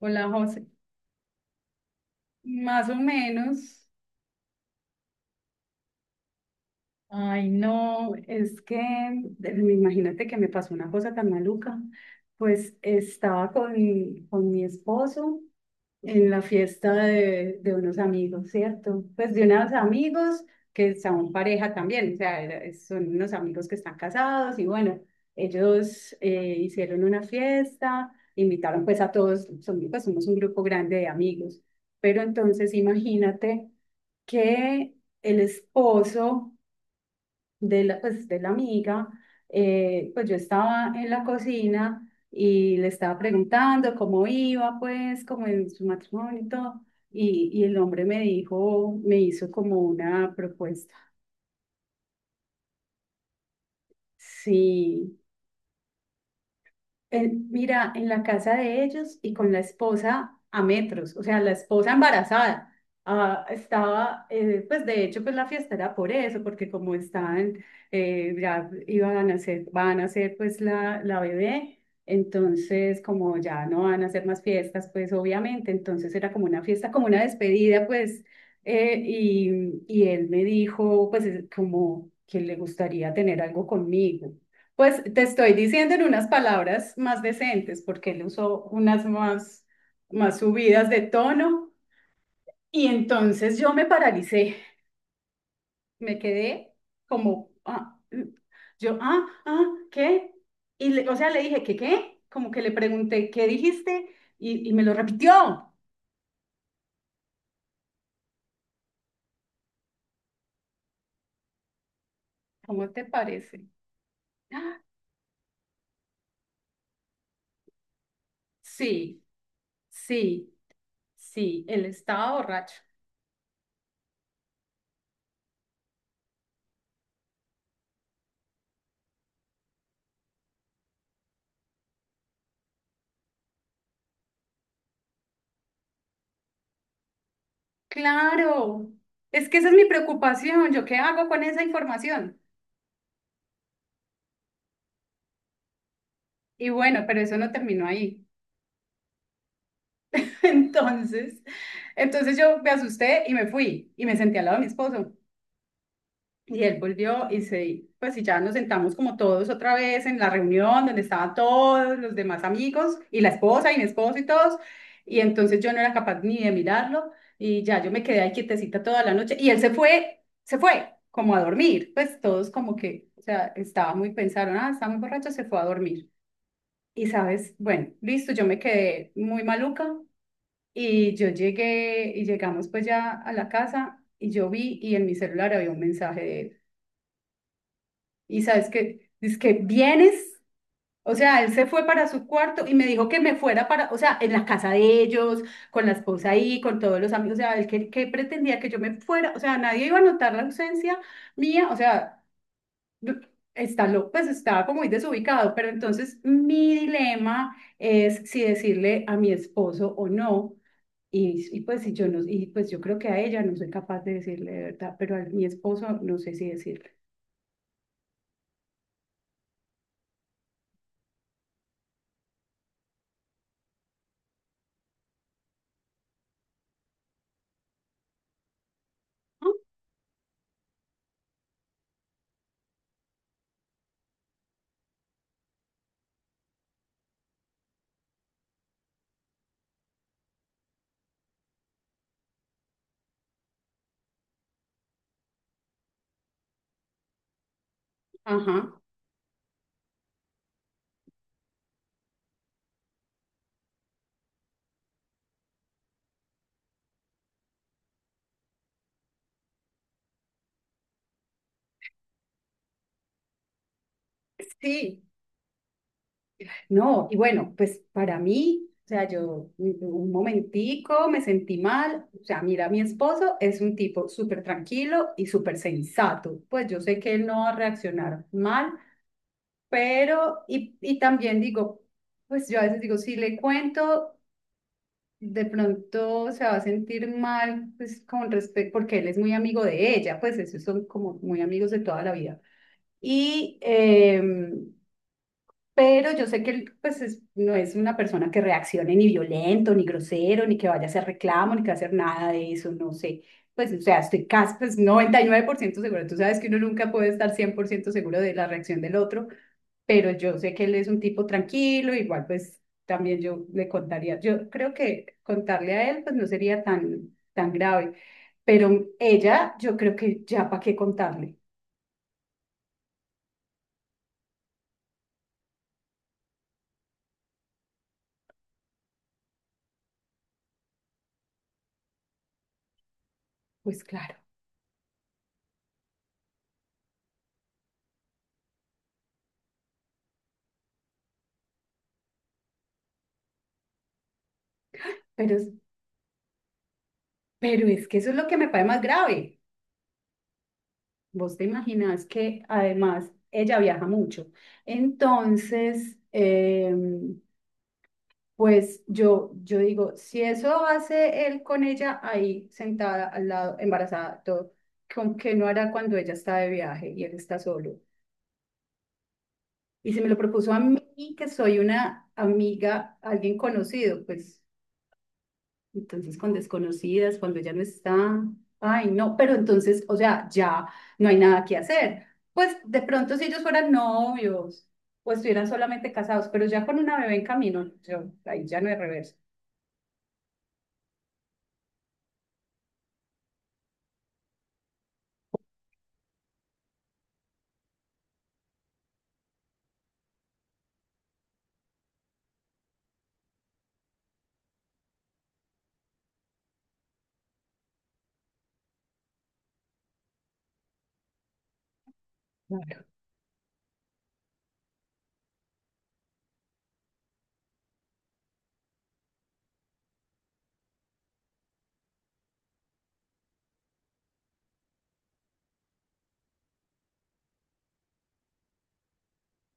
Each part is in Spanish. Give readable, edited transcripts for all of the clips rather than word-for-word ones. Hola, José. Más o menos. Ay, no, es que imagínate que me pasó una cosa tan maluca. Pues estaba con mi esposo en la fiesta de unos amigos, ¿cierto? Pues de unos amigos que son pareja también, o sea, son unos amigos que están casados y bueno, ellos hicieron una fiesta, invitaron pues a todos, pues somos un grupo grande de amigos, pero entonces imagínate que el esposo de la amiga, pues yo estaba en la cocina y le estaba preguntando cómo iba, pues, como en su matrimonio y todo, y el hombre me dijo, me hizo como una propuesta. Sí, mira, en la casa de ellos y con la esposa a metros, o sea, la esposa embarazada. Ah, pues de hecho, pues la fiesta era por eso, porque como estaban, ya iban a nacer, van a hacer pues la bebé, entonces como ya no van a hacer más fiestas, pues obviamente, entonces era como una fiesta, como una despedida, pues, y él me dijo, pues es como que le gustaría tener algo conmigo. Pues te estoy diciendo en unas palabras más decentes, porque él usó unas más, más subidas de tono. Y entonces yo me paralicé, me quedé como, ah, mm, yo, ah, ah, ¿qué? O sea, le dije, ¿qué, qué? Como que le pregunté, ¿qué dijiste? Y me lo repitió. ¿Cómo te parece? Ah, Sí, sí, sí, él estaba borracho. Claro, es que esa es mi preocupación. ¿Yo qué hago con esa información? Y bueno, pero eso no terminó ahí. Entonces, entonces, yo me asusté y me fui y me senté al lado de mi esposo. Y él volvió y se, pues y ya nos sentamos como todos otra vez en la reunión donde estaban todos los demás amigos y la esposa y mi esposo y todos. Y entonces yo no era capaz ni de mirarlo y ya yo me quedé ahí quietecita toda la noche y él se fue como a dormir. Pues todos como que, o sea, estaba muy, pensaron, ah, está muy borracho, se fue a dormir. Y sabes, bueno, listo, yo me quedé muy maluca. Y yo llegué y llegamos pues ya a la casa y yo vi y en mi celular había un mensaje de él. Y sabes que, dice que vienes, o sea, él se fue para su cuarto y me dijo que me fuera para, o sea, en la casa de ellos, con la esposa ahí, con todos los amigos, o sea, él que pretendía que yo me fuera, o sea, nadie iba a notar la ausencia mía, o sea, está loco, pues estaba como muy desubicado, pero entonces mi dilema es si decirle a mi esposo o no y, y pues y yo no, y pues yo creo que a ella no soy capaz de decirle de verdad, pero a mi esposo no sé si decirle. Ah, Ajá, sí, no, y bueno, pues para mí, o sea, yo un momentico me sentí mal, o sea, mira, mi esposo es un tipo súper tranquilo y súper sensato, pues yo sé que él no va a reaccionar mal, pero, y también digo, pues yo a veces digo, si le cuento de pronto se va a sentir mal, pues con respecto, porque él es muy amigo de ella, pues esos son como muy amigos de toda la vida. Y, em, pero yo sé que él, pues, no es una persona que reaccione ni violento, ni grosero, ni que vaya a hacer reclamo, ni que va a hacer nada de eso, no sé. Pues, o sea, estoy casi, pues, 99% seguro. Tú sabes que uno nunca puede estar 100% seguro de la reacción del otro, pero yo sé que él es un tipo tranquilo, igual pues también yo le contaría, yo creo que contarle a él pues no sería tan, tan grave, pero ella yo creo que ya para qué contarle, pues claro, pero, pero es que eso es lo que me parece más grave, vos te imaginas que además ella viaja mucho, entonces... em, pues yo digo, si eso hace él con ella ahí sentada al lado, embarazada, todo, ¿con qué no hará cuando ella está de viaje y él está solo? Y si me lo propuso a mí, que soy una amiga, alguien conocido, pues entonces con desconocidas, cuando ella no está, ay, no, pero entonces, o sea, ya no hay nada que hacer. Pues de pronto si ellos fueran novios o estuvieran solamente casados, pero ya con una bebé en camino, yo, ahí ya no hay reversa.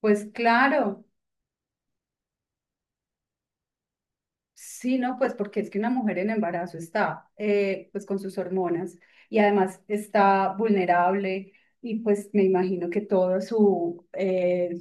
Pues claro, sí, no, pues porque es que una mujer en embarazo está pues con sus hormonas y además está vulnerable y pues me imagino que todo su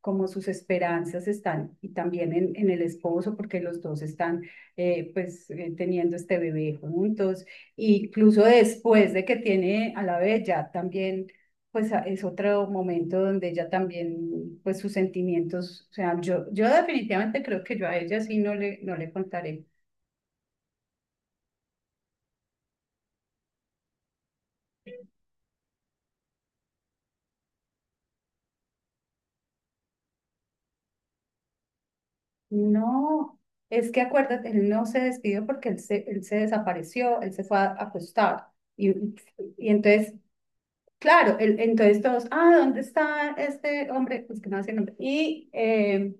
como sus esperanzas están y también en el esposo porque los dos están teniendo este bebé juntos, e incluso después de que tiene a la bella también pues es otro momento donde ella también, pues sus sentimientos, o sea, yo definitivamente creo que yo a ella sí no le, no le contaré. No, es que acuérdate, él no se despidió porque él se desapareció, él se fue a acostar. Y, y entonces claro, entonces todos, ah, ¿dónde está este hombre? Pues que no sé el nombre. Y eh,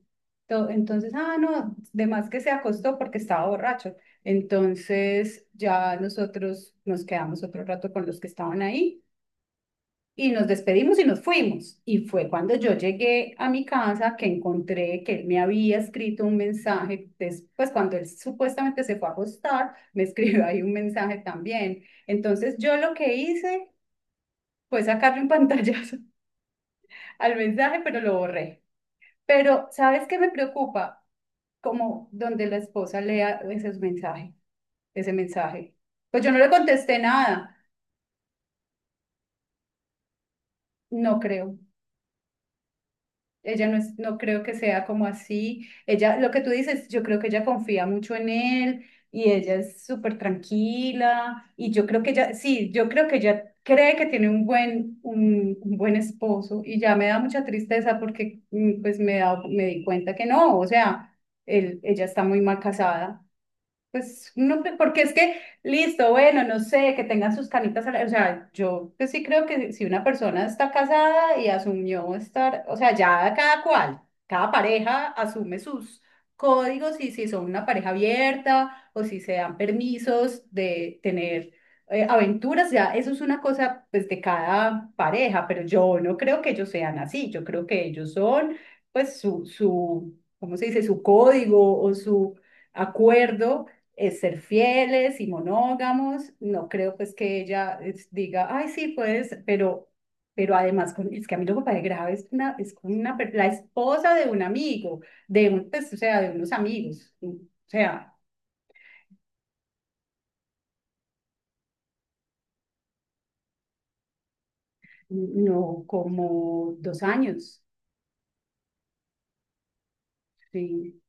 to- entonces, ah, no, de más que se acostó porque estaba borracho. Entonces ya nosotros nos quedamos otro rato con los que estaban ahí y nos despedimos y nos fuimos. Y fue cuando yo llegué a mi casa que encontré que él me había escrito un mensaje, después cuando él supuestamente se fue a acostar, me escribió ahí un mensaje también. Entonces yo lo que hice fue sacarle un pantallazo al mensaje, pero lo borré. Pero, ¿sabes qué me preocupa? Como donde la esposa lea ese mensaje, ese mensaje. Pues yo no le contesté nada, no creo. Ella no es, no creo que sea como así. Ella, lo que tú dices, yo creo que ella confía mucho en él y ella es súper tranquila y yo creo que ella, sí, yo creo que ella cree que tiene un buen esposo y ya me da mucha tristeza porque pues me da, me di cuenta que no, o sea, él, ella está muy mal casada. Pues no, porque es que, listo, bueno, no sé, que tengan sus canitas, al aire, o sea, yo pues sí creo que si una persona está casada y asumió estar, o sea, ya cada cual, cada pareja asume sus códigos y si son una pareja abierta o si se dan permisos de tener aventuras, ya eso es una cosa pues de cada pareja, pero yo no creo que ellos sean así, yo creo que ellos son pues su, ¿cómo se dice? Su código o su acuerdo es ser fieles y monógamos. No creo pues que ella diga, ay, sí, puedes, pero además es que a mí lo que me parece grave es, una, es con una, la esposa de un amigo, de un, pues, o sea, de unos amigos, o sea, no como 2 años, sí.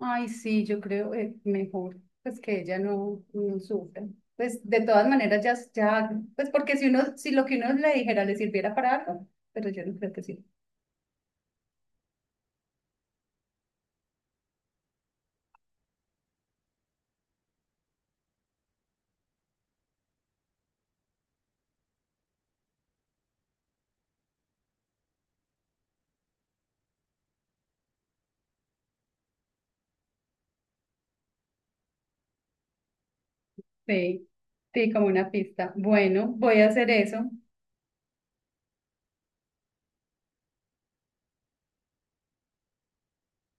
Ay, sí, yo creo mejor pues que ella no, no sufra. Pues de todas maneras ya, ya, pues porque si uno, si lo que uno le dijera le sirviera para algo, pero yo no creo que sí. Sí, sí, como una pista. Bueno, voy a hacer eso.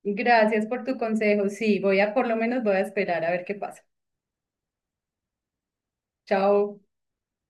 Gracias por tu consejo. Sí, voy a, por lo menos voy a esperar a ver qué pasa. Chao.